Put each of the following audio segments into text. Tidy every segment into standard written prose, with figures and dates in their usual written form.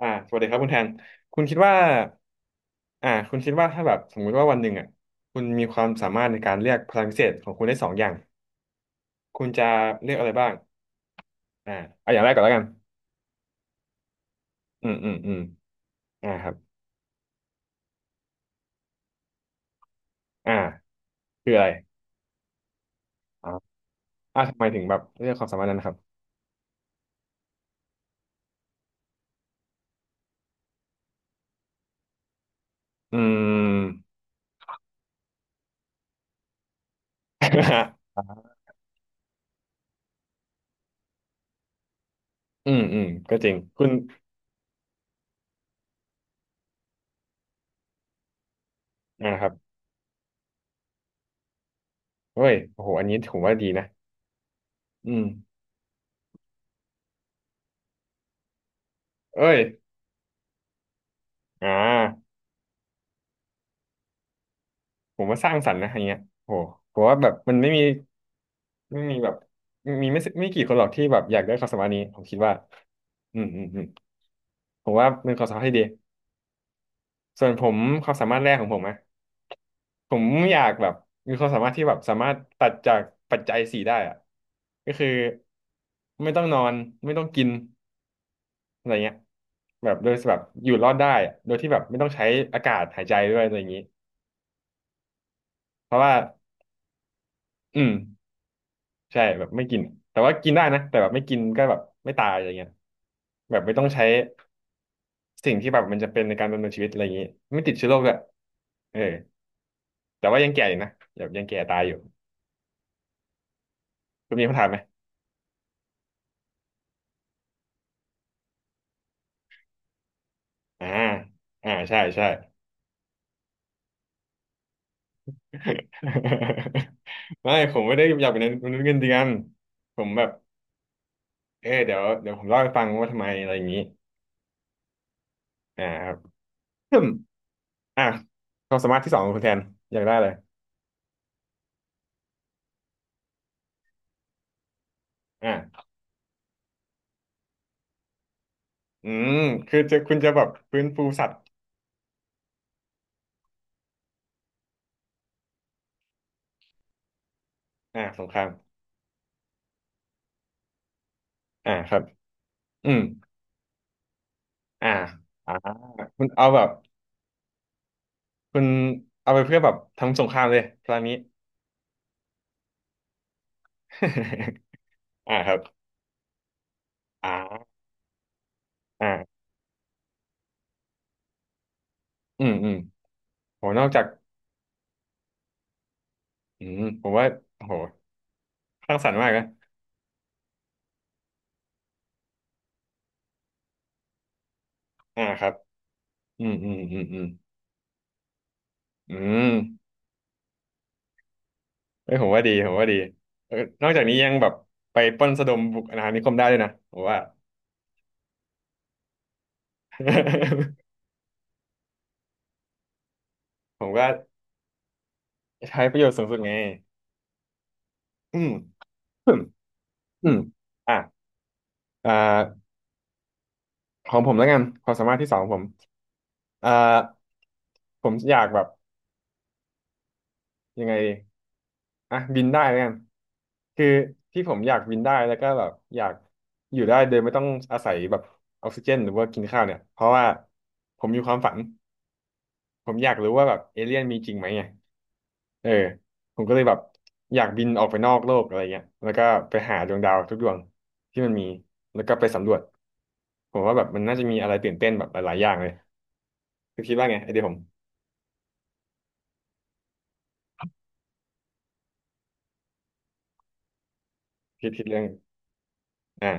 สวัสดีครับคุณแทนคุณคิดว่าคุณคิดว่าถ้าแบบสมมุติว่าวันหนึ่งอ่ะคุณมีความสามารถในการเรียกพลังพิเศษของคุณได้สองอย่างคุณจะเรียกอะไรบ้างอ่าเอาอย่างแรกก่อนแล้วกันอืมอืมอืมครับอ่าคืออะไรอ่าทำไมถึงแบบเรียกความสามารถนั้นนะครับอืม อืมอืมก็จริงคุณครับเอ้ยโอ้โหอันนี้ผมว่าดีนะอืมเอ้ยอ่าผมว่าสร้างสรรค์นะอันเนี้ยโอ้โหผมว่าแบบมันไม่มี ไม่มีแบบมีไม่กี่คนหรอกที่แบบอยากได้ความสามารถนี้ผมคิดว่าอืมอืมอืมผมว่าเป็นความสามารถที่ดีส่วนผมความสามารถแรกของผมอะผมอยากแบบมีความสามารถที่แบบสามารถตัดจากปัจจัยสี่ได้อะก็คือไม่ต้องนอนไม่ต้องกินอะไรเงี้ยแบบโดยแบบอยู่รอดได้อะโดยที่แบบไม่ต้องใช้อากาศหายใจด้วยอะไรอย่างนี้เพราะว่าอืมใช่แบบไม่กินแต่ว่ากินได้นะแต่แบบไม่กินก็แบบไม่ตายอะไรเงี้ยแบบไม่ต้องใช้ สิ่งที่แบบมันจะเป็นในการดำเนินชีวิตอะไรอย่างนี้ไม่ติดเชื้อโรคด้วยเออแต่ว่ายังแก่อยู่นะแบบยังแก่ตายอยู่คุณมีคำถามไหมอ่าอ่าใช่ใช่ ไม่ผมไม่ได้อยากเป็นมนุษย์เงินเดือนผมแบบเออเดี๋ยวผมเล่าให้ฟังว่าทำไมอะไรอย่างนี้ครับอืมอ่ะความสามารถที่สองของคุณแทนอยากได้เลยอ่าอืมคือจะคุณจะแบบฟื้นฟูสัตว์สงครามครับอืมอ่าอ่าคุณเอาแบบ คุณเอาไปเพื่อแบบทำสงครามเลยพลานี้ ครับอ่าอ่าอืมอืมโหนอกจากอืมผมว่าโหสร้างสรรค์มากนะครับอืมอืมอืมอืมอืมเอ้ยผมว่าดีผมว่าดีเออนอกจากนี้ยังแบบไปปล้นสะดมบุกอาณานิคมได้ด้วยนะผมว่า ผมก็ใช้ประโยชน์สูงสุดไงอืมอืมอืมอ่ะอ่าของผมแล้วกันความสามารถที่สองของผมอ่าผมอยากแบบยังไง อ่ะบินได้แล้วกันคือที่ผมอยากบินได้แล้วก็แบบอยากอยู่ได้โดยไม่ต้องอาศัยแบบออกซิเจนหรือว่ากินข้าวเนี่ยเพราะว่าผมมีความฝันผมอยากรู้ว่าแบบเอเลี่ยนมีจริงไหมไงเออผมก็เลยแบบอยากบินออกไปนอกโลกอะไรเงี้ยแล้วก็ไปหาดวงดาวทุกดวงที่มันมีแล้วก็ไปสำรวจผมว่าแบบมันน่าจะมีอะไรตื่นเต้นแบบหลายๆอย่างเลยคือคิดว่าไงไอเดียผมคิดเรื่องอ่า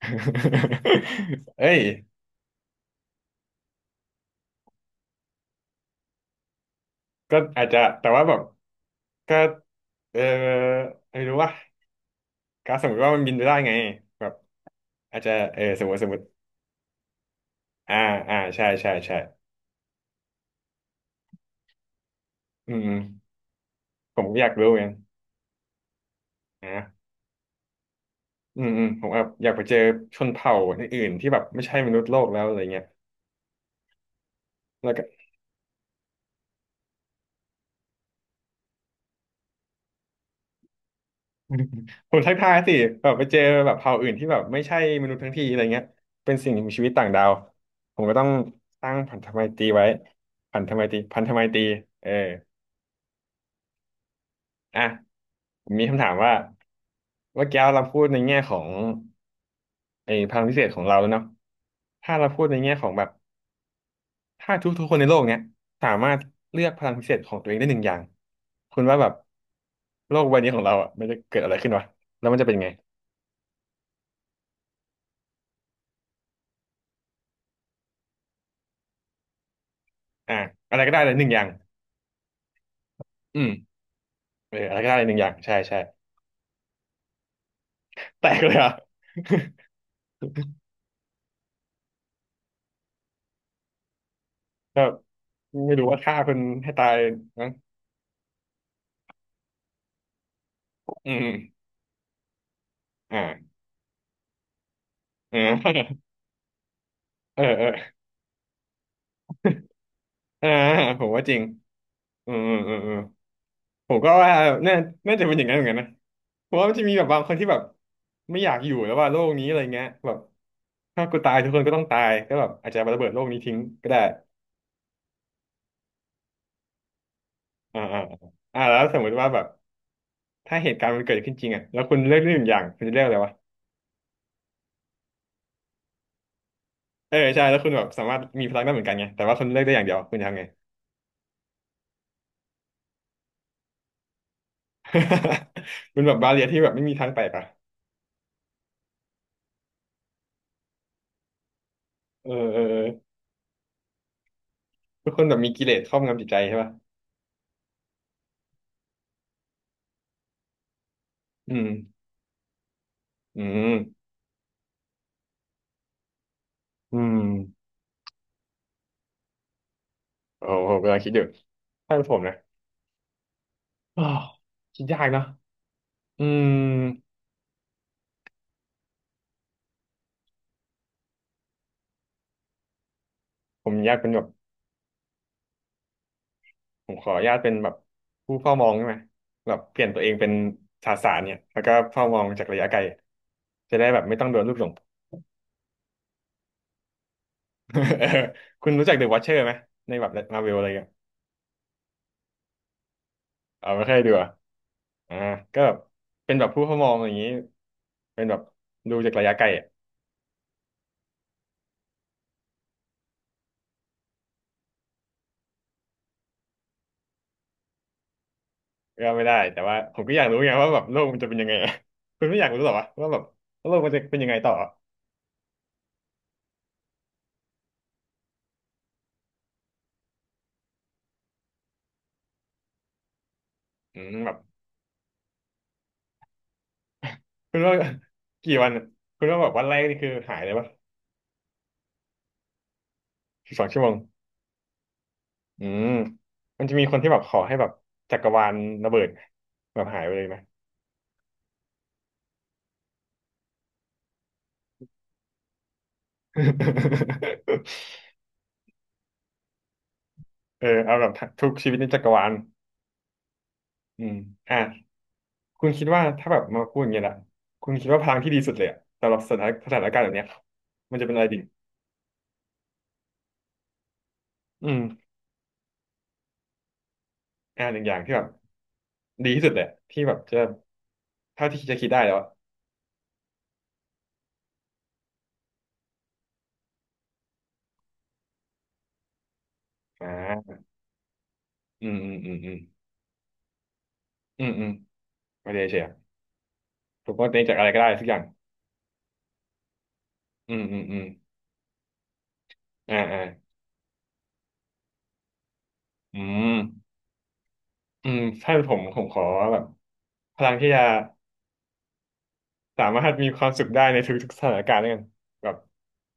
เอ้ย ก็อาจจะแต่ว่าแบบก็เออไม่รู้ว่าก็สมมติว่ามันบินไปได้ไงแบบอาจจะเออสมมติอ่าอ่าใช่ใช่ใช่อืมอืมผมก็อยากรู้เหอนนนะอืมอืมผมแบบอยากไปเจอชนเผ่าอื่นๆที่แบบไม่ใช่มนุษย์โลกแล้วอะไรเงี้ยแล้วก็ ผมทักทายสิแบบไปเจอแบบเผ่าอื่นที่แบบไม่ใช่มนุษย์ทั้งทีอะไรเงี้ยเป็นสิ่งมีชีวิตต่างดาวผมก็ต้องสร้างพันธไมตรีไว้พันธไมตรีเออ อ่ะผมมีคำถามว่าเมื่อกี้เราพูดในแง่ของไอ้พลังพิเศษของเราแล้วเนาะถ้าเราพูดในแง่ของแบบถ้าทุกๆคนในโลกเนี้ยสามารถเลือกพลังพิเศษของตัวเองได้หนึ่งอย่างคุณว่าแบบโลกใบนี้ของเราอ่ะมันจะเกิดอะไรขึ้นวะแล้วมันจะเป็นไงอ่ะอะไรก็ได้เลยหนึ่งอย่างอืมเอออะไรก็ได้เลยหนึ่งอย่างใช่ใช่แตกเลยเหรอ่ะ แบบไม่รู้ว่าฆ่าคนให้ตายนะอืมอ่า เออเออเอออ่าผมว่าจริง อืมอืมอืมอืมผมก็ว่าน่าน่าจะเป็นอย่างนั้นเหมือนกันนะผมว่ามันจะมีแบบบางคนที่แบบไม่อยากอยู่แล้วว่าโลกนี้อะไรเงี้ยแบบถ้ากูตายทุกคนก็ต้องตายก็แบบอาจจะระเบิดโลกนี้ทิ้งก็ได้อ่าอ่าแล้วสมมติว่าแบบถ้าเหตุการณ์มันเกิดขึ้นจริงอ่ะแล้วคุณเลือกได้หนึ่งอย่างคุณจะเลือกอะไรวะเออใช่แล้วคุณแบบสามารถมีพลังได้เหมือนกันไงแต่ว่าคุณเลือกได้อย่างเดียวคุณจะทำไง มันแบบบาเรียที่แบบไม่มีทางแตกอ่ะเออเออเออทุกคนแบบมีกิเลสครอบงำจิตใจใช่ป่ะอืมอืมอืม โอ้ผมกำลังคิดอยู่ถ้าเป็นผมนะอ้าว คิดยากเนาะอืมผมอยากเป็นแบบผมขออนุญาตเป็นแบบผู้เฝ้ามองได้ไหมแบบเปลี่ยนตัวเองเป็นสาสารเนี่ยแล้วก็เฝ้ามองจากระยะไกลจะได้แบบไม่ต้องโดนลูกหลง เออคุณรู้จักเดอะวอ เชอร์ไหมในแบบมาเวลอะไรเงี้ยเอาไม่เคยดูอะอ่าก็แบบเป็นแบบผู้เฝ้ามองอย่างนี้เป็นแบบดูจากระยะไกลอะก็ไม่ได้แต่ว่าผมก็อยากรู้ไงว่าแบบโลกมันจะเป็นยังไงอะคุณไม่อยากรู้หรอวะว่าแบบโลกมันจะเป็นยังไงต่ออืมแบบ คุณว่า กี่วันอะคุณว่าแบบวันแรกนี่คือหายเลยปะ12 ชั่วโมงอืมมันจะมีคนที่แบบขอให้แบบจักรวาลระเบิดแบบหายไปเลยไหม เออเอาแบบทุกชีวิตในจักรวาลอืมอ่ะคุณคิดว่าถ้าแบบมาพูดอย่างเงี้ยละคุณคิดว่าพลังที่ดีสุดเลยอะสำหรับสถานการณ์แบบเนี้ยมันจะเป็นอะไรดีอืมอ่ะหนึ่งอย่างที่แบบดีที่สุดเลยอะที่แบบจะเท่าที่จะคิดได้แล้วอะอ่าอืมอืมอืมอืมอืมอืมไม่ได้เชียร์ผมก็เต็งจากอะไรก็ได้สักอย่าง อืมอืมอืมอ่าอ่าอืมอืมถ้าเป็นผมขอแบบพลังที่จะสามารถมีความสุขได้ในทุกๆสถานการณ์แล้วกันแบบ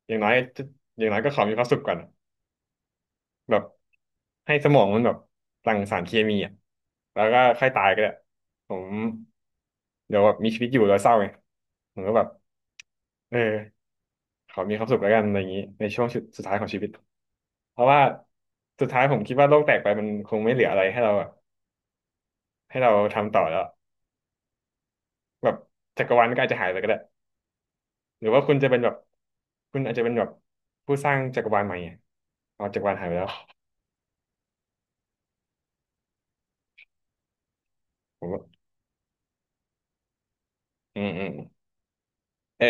อย่างน้อยจะอย่างน้อยก็ขอมีความสุขก่อนอะแบบให้สมองมันแบบหลั่งสารเคมีอ่ะแล้วก็ค่อยตายก็ได้ผมเดี๋ยวแบบมีชีวิตอยู่แล้วเศร้าไงผมก็แบบเออขอมีความสุขแล้วกันอะไรอย่างนี้ในช่วงสุดท้ายของชีวิตเพราะว่าสุดท้ายผมคิดว่าโลกแตกไปมันคงไม่เหลืออะไรให้เรา ให้เราทำต่อแล้วแบบจักรวาลมก็อาจจะหายไปก็ได้หรือว่าคุณจะเป็นแบบคุณอาจจะเป็นแบบผู้สร้างจักรวาลใหม่อะเอาจักรวาลหายไปแล้วผมว่าอืมอืมเออ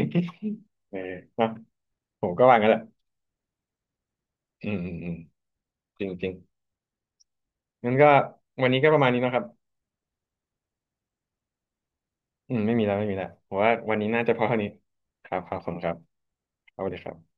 เออเนอะผมก็ว่างั้นแหละอืมอืมอืมจริงจริงงั้นก็วันนี้ก็ประมาณนี้เนอะครับอืมไม่มีแล้วไม่มีแล้วผมว่าวันนี้น่าจะพอเท่านี้ครับครับขอบคุณครับเอาเลยครับ